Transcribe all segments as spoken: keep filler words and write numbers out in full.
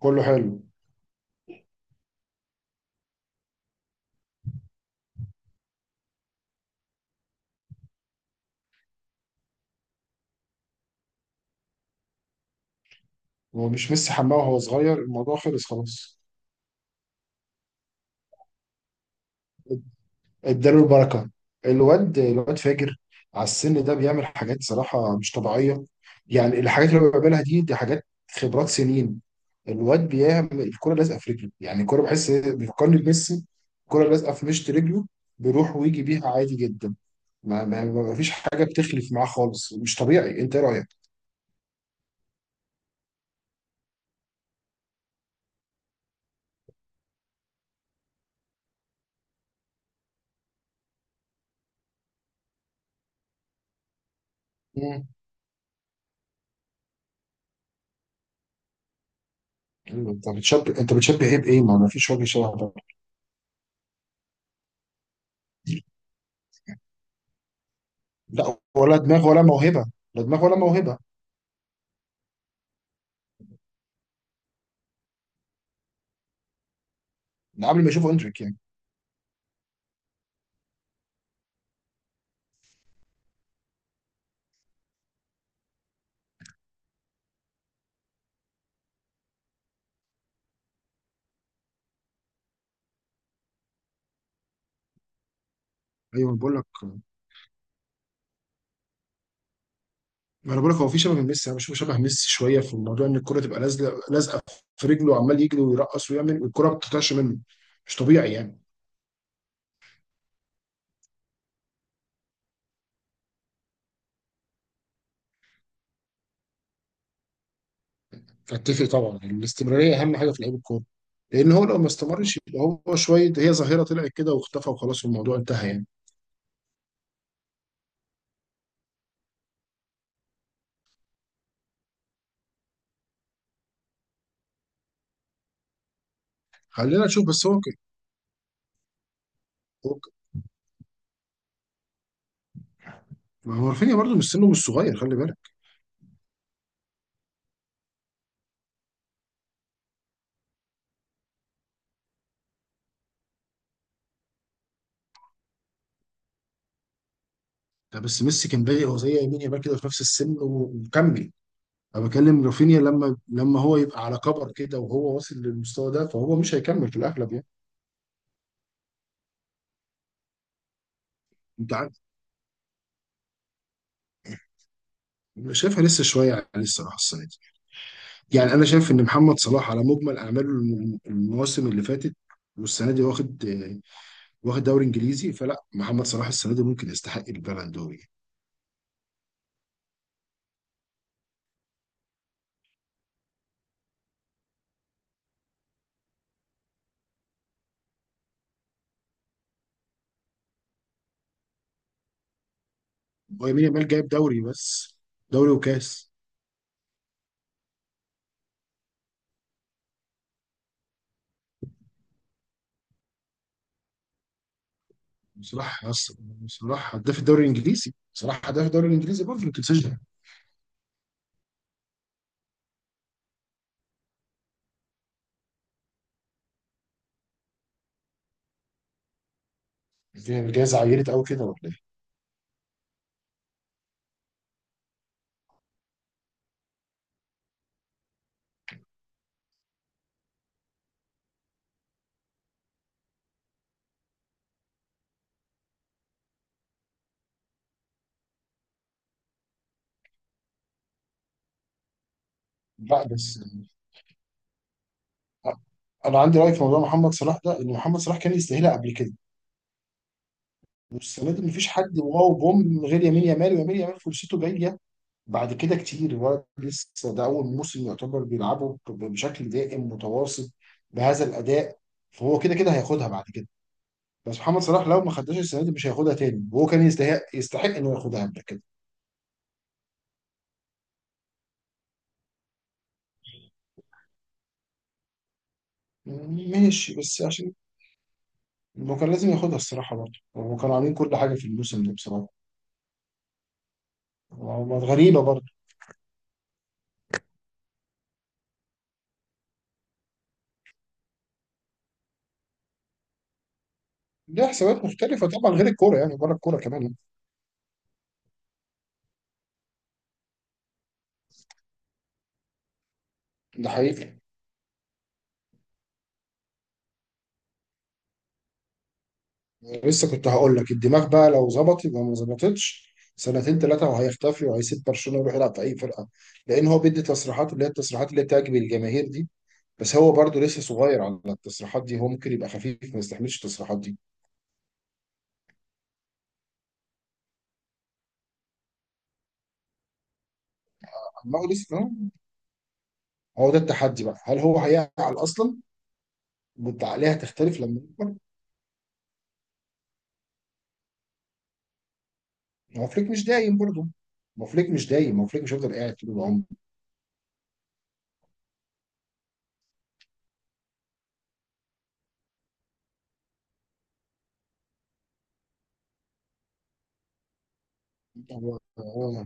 كله حلو. هو مش ميسي حماه وهو صغير، الموضوع خلص خلاص. اداله البركه. الواد الواد فاجر، على السن ده بيعمل حاجات صراحه مش طبيعيه. يعني الحاجات اللي هو بيعملها دي دي حاجات خبرات سنين. الواد بيعمل الكره لازقه في رجله، يعني الكره بحس بيفكرني بميسي. الكره لازقه في مشط رجله، بيروح ويجي بيها عادي جدا. ما, ما, ما فيش حاجه بتخلف معاه خالص، مش طبيعي. انت إيه رايك؟ مم. انت بتشبه انت بتشبه ايه بايه؟ ما ما فيش وجه شبه ده. لا، ولا دماغ ولا موهبه، لا دماغ ولا موهبه. ده قبل ما يشوفوا اندريك يعني. ايوه انا بقول لك، ما انا بقول لك هو في شبه من ميسي، انا بشوفه شبه ميسي شويه، في الموضوع ان الكره تبقى لازقه لازقه في رجله وعمال يجري ويرقص ويعمل والكره ما بتطلعش منه، مش طبيعي يعني. فاتفق طبعا، الاستمراريه اهم حاجه في لعيب الكوره، لان هو لو ما استمرش يبقى هو شويه، هي ظاهره طلعت كده واختفى وخلاص والموضوع انتهى يعني. خلينا نشوف، بس هو ك- هو ك- ما هو رافينيا برضه مش سنه، مش صغير، خلي بالك. ده بس ميسي كان بادئ هو زي يمين يامال كده في نفس السن ومكمل. انا بكلم رافينيا، لما لما هو يبقى على كبر كده وهو واصل للمستوى ده، فهو مش هيكمل في الاغلب يعني. انت عارف، أنا شايفها لسه شويه عليه الصراحه السنه دي. يعني انا شايف ان محمد صلاح على مجمل اعماله الم- المواسم اللي فاتت والسنه دي واخد، واخد دوري انجليزي، فلا محمد صلاح السنه دي ممكن يستحق البالون دور يعني. هو يمين يامال جايب دوري بس، دوري وكاس. صلاح أصلاً- صلاح هداف الدوري الانجليزي، صلاح هداف الدوري الانجليزي برضه، ما تنساش ده. الجائزه عيرت قوي كده ولا ايه؟ لا، بس انا عندي راي في موضوع محمد صلاح ده، ان محمد صلاح كان يستاهلها قبل كده. والسنه دي مفيش حد واو بوم من غير يمين يامال، ويمين يامال فرصته جايه بعد كده كتير. الولد لسه، ده اول موسم يعتبر بيلعبه ب- بشكل دائم متواصل بهذا الاداء، فهو كده كده هياخدها بعد كده. بس محمد صلاح لو ما خدهاش السنه دي مش هياخدها تاني، وهو كان يستحق، يستحق انه ياخدها قبل كده. ماشي بس عشان هو كان لازم ياخدها الصراحه برضه، هو كانوا عاملين كل حاجه في الموسم ده بصراحه. غريبه برضه. ليه حسابات مختلفة طبعا غير الكورة يعني، بره الكورة كمان. ده حقيقي. لسه كنت هقول لك، الدماغ بقى لو ظبط يبقى، ما ظبطتش سنتين ثلاثة وهيختفي، وهيسيب برشلونة ويروح يلعب في أي فرقة. لأن هو بيدي تصريحات اللي هي التصريحات اللي بتعجب الجماهير دي، بس هو برضه لسه صغير على التصريحات دي، هو ممكن يبقى خفيف ما يستحملش التصريحات دي. ما هو لسه، هو ده التحدي بقى، هل هو هيعقل أصلا والعقلية هتختلف لما يكبر. ما هو فليك مش دايم برضه ما هو فليك مش دايم ما هو فليك مش هيفضل قاعد طول العمر. هو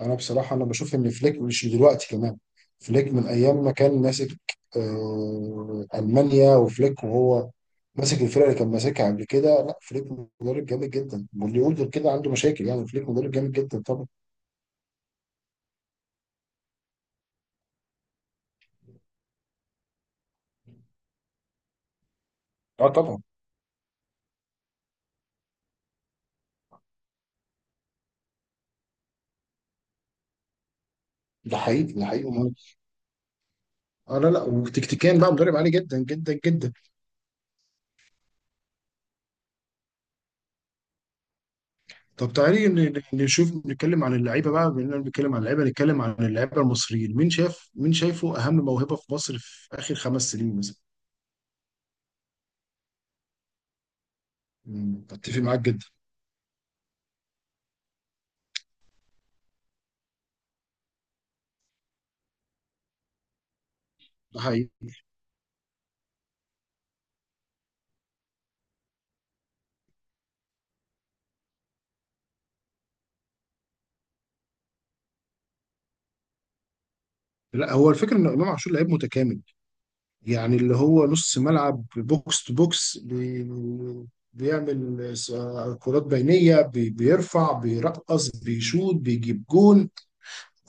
انا بصراحه، انا بشوف ان فليك مش دلوقتي كمان، فليك من ايام ما كان ماسك آه، المانيا، وفليك وهو ماسك الفرقه اللي كان ماسكها قبل كده. لا، فليك مدرب جامد جدا، واللي يقول غير كده عنده مشاكل، يعني فليك مدرب جامد جدا طبعا. اه طبعا. ده حقيقي، ده حقيقي ومهم. اه لا لا، وتكتيكيا بقى مدرب عالي جدا جدا جدا. طب تعالي ن- نشوف، نتكلم عن اللعيبه بقى، بما اننا بنتكلم عن اللعيبه نتكلم عن اللعيبه المصريين. مين شاف، مين شايفه اهم موهبه في مصر في اخر خمس سنين مثلا؟ مم، اتفق معاك جدا. ده حقيقي. لا، هو الفكره ان امام عاشور لعيب متكامل. يعني اللي هو نص ملعب، بوكس تو بوكس، بي- بيعمل س- كرات بينيه، بي- بيرفع، بيرقص، بيشوط، بيجيب جون،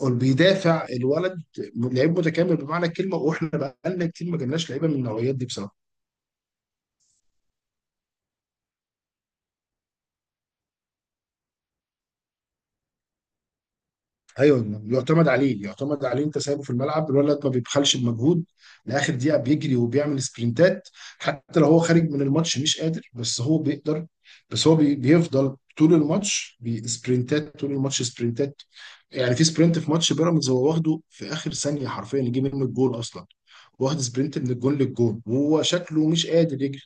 وبيدافع الولد. لعيب متكامل بمعنى الكلمه، واحنا بقالنا كتير ما جالناش لعيبه من النوعيات دي بصراحه. ايوه، يعتمد عليه، يعتمد عليه. انت سايبه في الملعب، الولد ما بيبخلش بمجهود لاخر دقيقه، بيجري وبيعمل سبرنتات، حتى لو هو خارج من الماتش مش قادر، بس هو بيقدر. بس هو بي- بيفضل طول الماتش بسبرنتات، طول الماتش سبرنتات. يعني في سبرنت في ماتش بيراميدز هو واخده في اخر ثانيه حرفيا يجي منه الجول اصلا، واخد سبرنت من الجون للجون وهو شكله مش قادر يجري،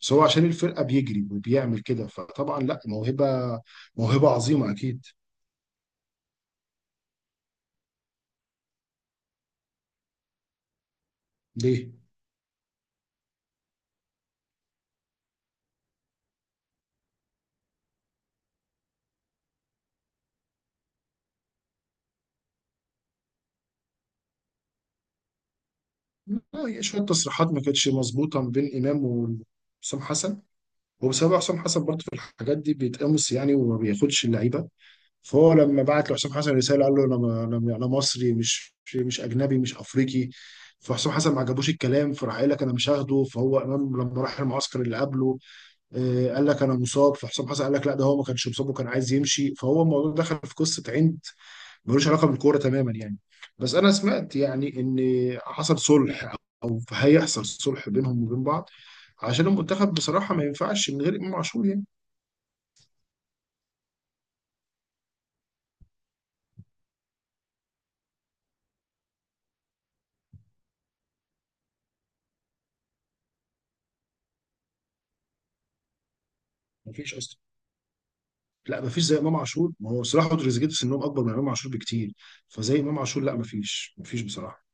بس هو عشان الفرقه بيجري وبيعمل كده. فطبعا لا موهبه، موهبه عظيمه اكيد. ليه؟ آه، يعني شوية تصريحات ما كانتش مظبوطة ما بين إمام وحسام حسن، وبسبب حسام حسن برضه في الحاجات دي بيتقمص يعني وما بياخدش اللعيبة. فهو لما بعت لحسام حسن رسالة قال له أنا أنا أنا مصري، مش مش أجنبي، مش أفريقي. فحسام حسن ما عجبوش الكلام، فراح قال لك أنا مش هاخده. فهو إمام لما راح المعسكر اللي قبله آه، قال لك أنا مصاب، فحسام حسن قال لك لا، ده هو ما كانش مصاب وكان عايز يمشي. فهو الموضوع دخل في قصة عند ملوش علاقه بالكوره تماما يعني. بس انا سمعت يعني ان حصل صلح، او هيحصل صلح بينهم وبين بعض، عشان المنتخب بصراحه ما ينفعش من غير امام عاشور يعني. ما فيش اصلا. لا ما فيش زي امام عاشور، ما هو صلاح وتريزيجيه في سنهم اكبر من امام عاشور بكتير، فزي امام عاشور لا، ما فيش، ما فيش بصراحه.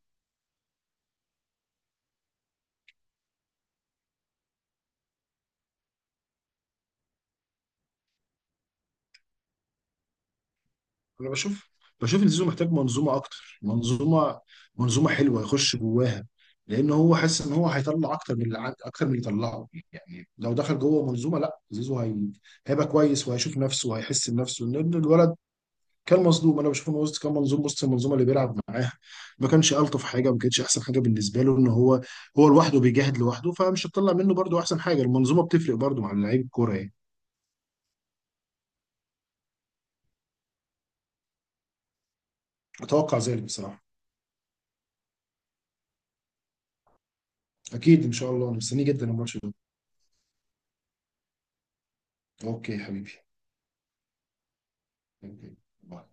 انا بشوف بشوف ان زيزو محتاج منظومه، اكتر منظومه منظومه حلوه يخش جواها. لان هو حاسس ان هو هيطلع اكتر من اللي عن- اكتر من اللي طلعه يعني، لو دخل جوه منظومه، لا زيزو هي... هيبقى كويس وهيشوف نفسه وهيحس بنفسه، لان الولد كان مظلوم. انا بشوف انه وسط كان منظوم، وسط المنظومه اللي بيلعب معاها ما كانش الطف حاجه، ما كانتش احسن حاجه بالنسبه له، ان هو هو لوحده بيجاهد لوحده، فمش هتطلع منه برضو احسن حاجه. المنظومه بتفرق برضو مع لعيب الكوره يعني. اتوقع ذلك بصراحه. اكيد ان شاء الله، انا مستنيه جدا الماتش ده. اوكي يا حبيبي. اشتركوا في القناة.